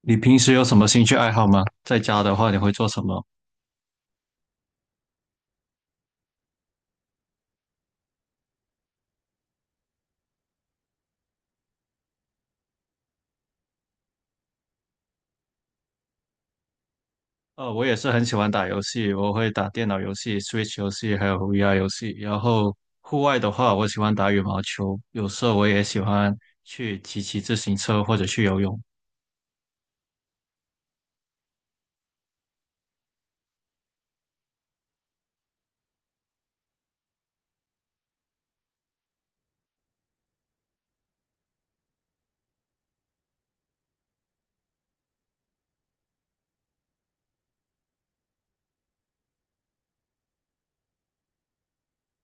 你平时有什么兴趣爱好吗？在家的话，你会做什么？我也是很喜欢打游戏，我会打电脑游戏、Switch 游戏，还有 VR 游戏。然后户外的话，我喜欢打羽毛球，有时候我也喜欢去骑骑自行车或者去游泳。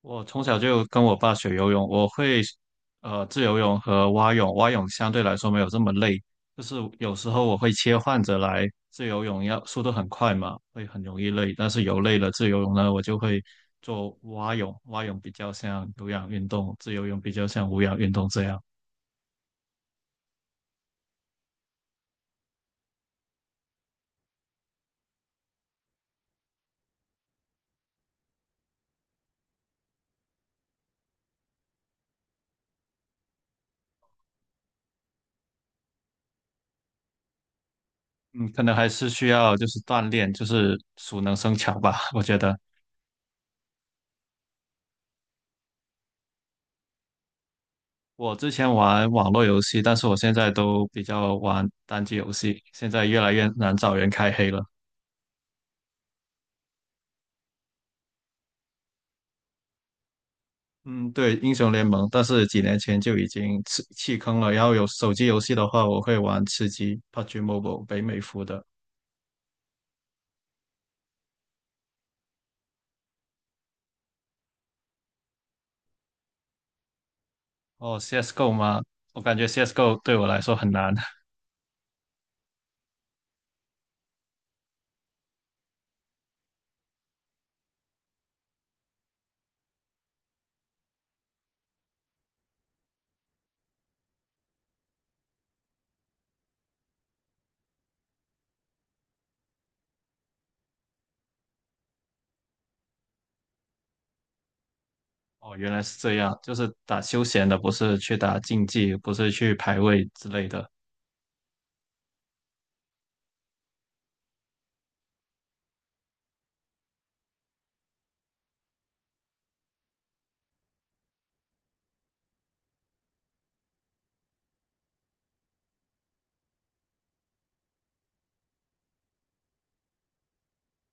我从小就跟我爸学游泳，我会自由泳和蛙泳，蛙泳相对来说没有这么累，就是有时候我会切换着来，自由泳要速度很快嘛，会很容易累，但是游累了自由泳呢，我就会做蛙泳，蛙泳比较像有氧运动，自由泳比较像无氧运动这样，嗯，可能还是需要就是锻炼，就是熟能生巧吧，我觉得。我之前玩网络游戏，但是我现在都比较玩单机游戏，现在越来越难找人开黑了。嗯，对，英雄联盟，但是几年前就已经弃坑了。然后有手机游戏的话，我会玩吃鸡 PUBG Mobile 北美服的。哦，CS:GO 吗？我感觉 CS:GO 对我来说很难。哦，原来是这样，就是打休闲的，不是去打竞技，不是去排位之类的。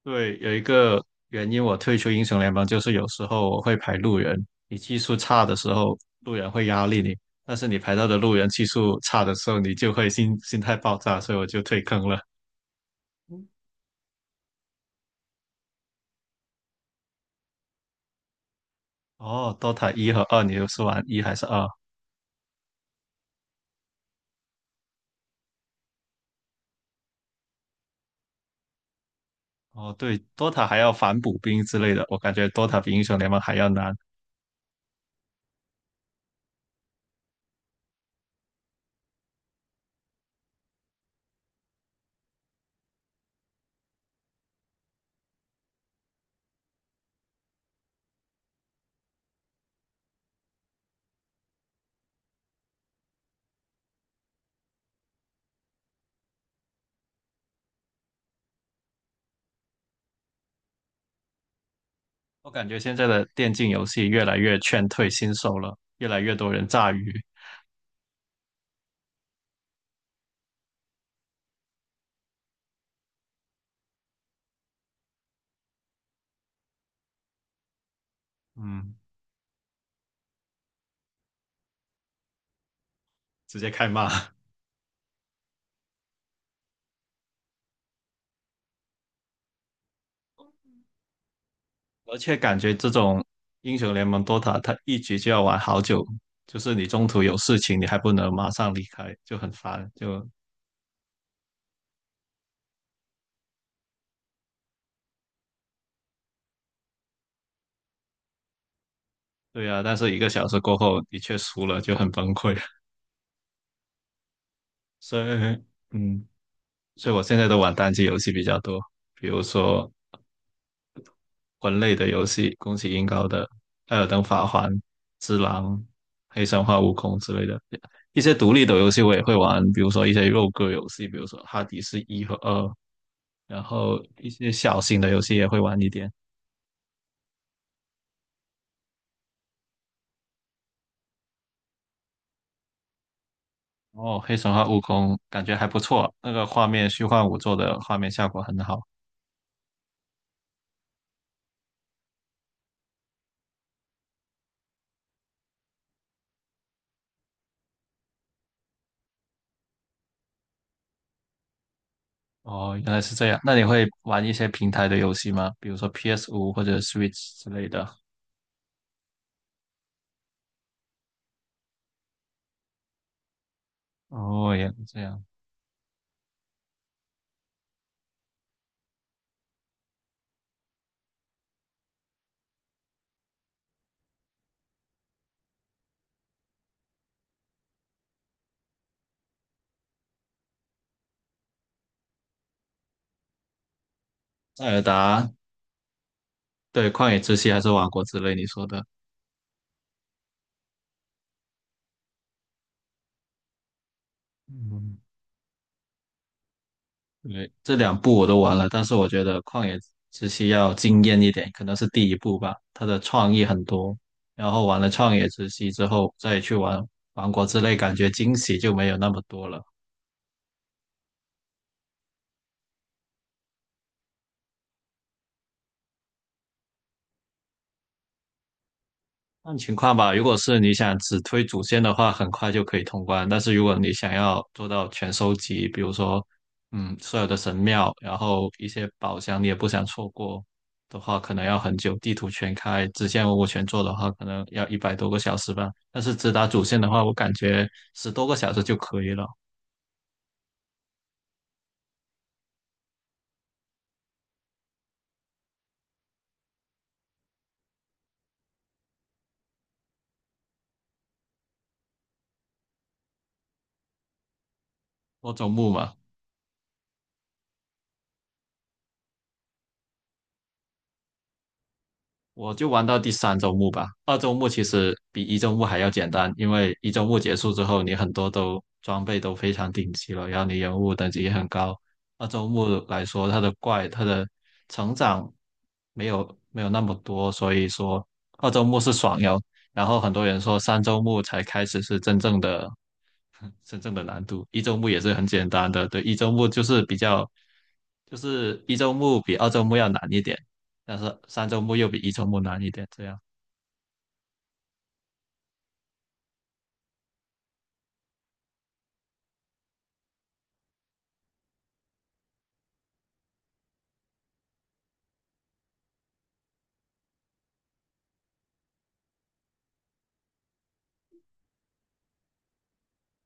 对，有一个原因我退出英雄联盟，就是有时候我会排路人，你技术差的时候，路人会压力你，但是你排到的路人技术差的时候，你就会心态爆炸，所以我就退坑了。哦，Dota 一和二，你又是玩一还是二？哦，对，Dota 还要反补兵之类的，我感觉 Dota 比英雄联盟还要难。我感觉现在的电竞游戏越来越劝退新手了，越来越多人炸鱼，嗯，直接开骂。而且感觉这种英雄联盟 Dota，它一局就要玩好久，就是你中途有事情，你还不能马上离开，就很烦。就对啊，但是一个小时过后，你却输了，就很崩溃。所以，嗯，所以我现在都玩单机游戏比较多，比如说魂类的游戏，恭喜英高的《艾尔登法环》《只狼》《黑神话：悟空》之类的，一些独立的游戏我也会玩，比如说一些肉鸽游戏，比如说《哈迪斯一》和《二》，然后一些小型的游戏也会玩一点。哦，《黑神话：悟空》感觉还不错，那个画面虚幻五做的画面效果很好。哦，原来是这样。那你会玩一些平台的游戏吗？比如说 p s 五或者 Switch 之类的？哦，也是这样。塞尔达，对，旷野之息还是王国之泪，你说的，嗯，对，这两部我都玩了，但是我觉得旷野之息要惊艳一点，可能是第一部吧，它的创意很多，然后玩了旷野之息之后再去玩王国之泪，感觉惊喜就没有那么多了。看情况吧，如果是你想只推主线的话，很快就可以通关。但是如果你想要做到全收集，比如说，嗯，所有的神庙，然后一些宝箱你也不想错过的话，可能要很久。地图全开，支线我全做的话，可能要100多个小时吧。但是只打主线的话，我感觉10多个小时就可以了。多周目嘛。我就玩到第三周目吧。二周目其实比一周目还要简单，因为一周目结束之后，你很多都装备都非常顶级了，然后你人物等级也很高。二周目来说，它的怪它的成长没有那么多，所以说二周目是爽游。然后很多人说三周目才开始是真正的 真正的难度。一周目也是很简单的，对，一周目就是比较，就是一周目比二周目要难一点，但是三周目又比一周目难一点，这样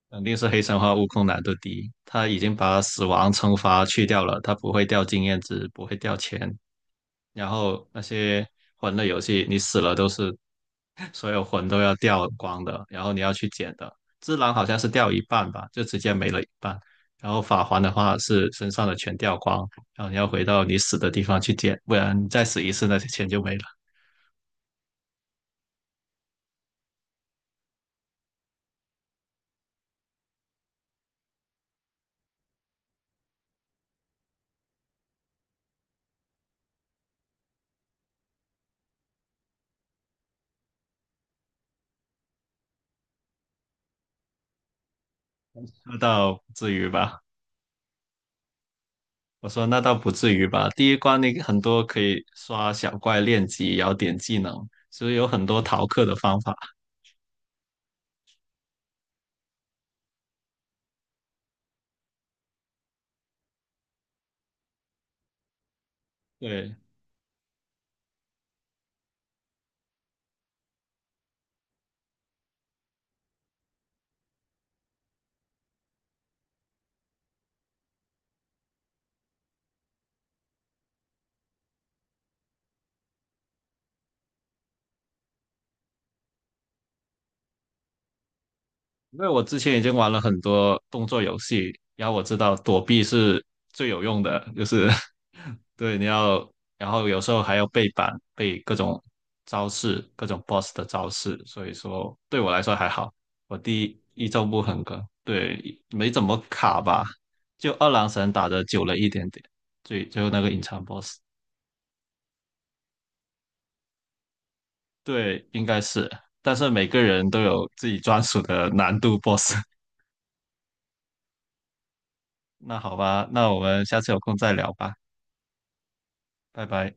肯定是黑神话悟空难度低。他已经把死亡惩罚去掉了，他不会掉经验值，不会掉钱，然后那些魂类游戏你死了都是所有魂都要掉光的，然后你要去捡的。只狼好像是掉一半吧，就直接没了一半。然后法环的话是身上的全掉光，然后你要回到你死的地方去捡，不然你再死一次那些钱就没了。那倒不至于吧？我说那倒不至于吧。第一关你很多可以刷小怪练级，然后点技能，所以有很多逃课的方法。对，因为我之前已经玩了很多动作游戏，然后我知道躲避是最有用的，就是 对你要，然后有时候还要背板，背各种招式，各种 BOSS 的招式，所以说对我来说还好，我第一周不很坑，对，没怎么卡吧，就二郎神打的久了一点点，最后那个隐藏 BOSS，对，应该是，但是每个人都有自己专属的难度 BOSS，那好吧，那我们下次有空再聊吧。拜拜。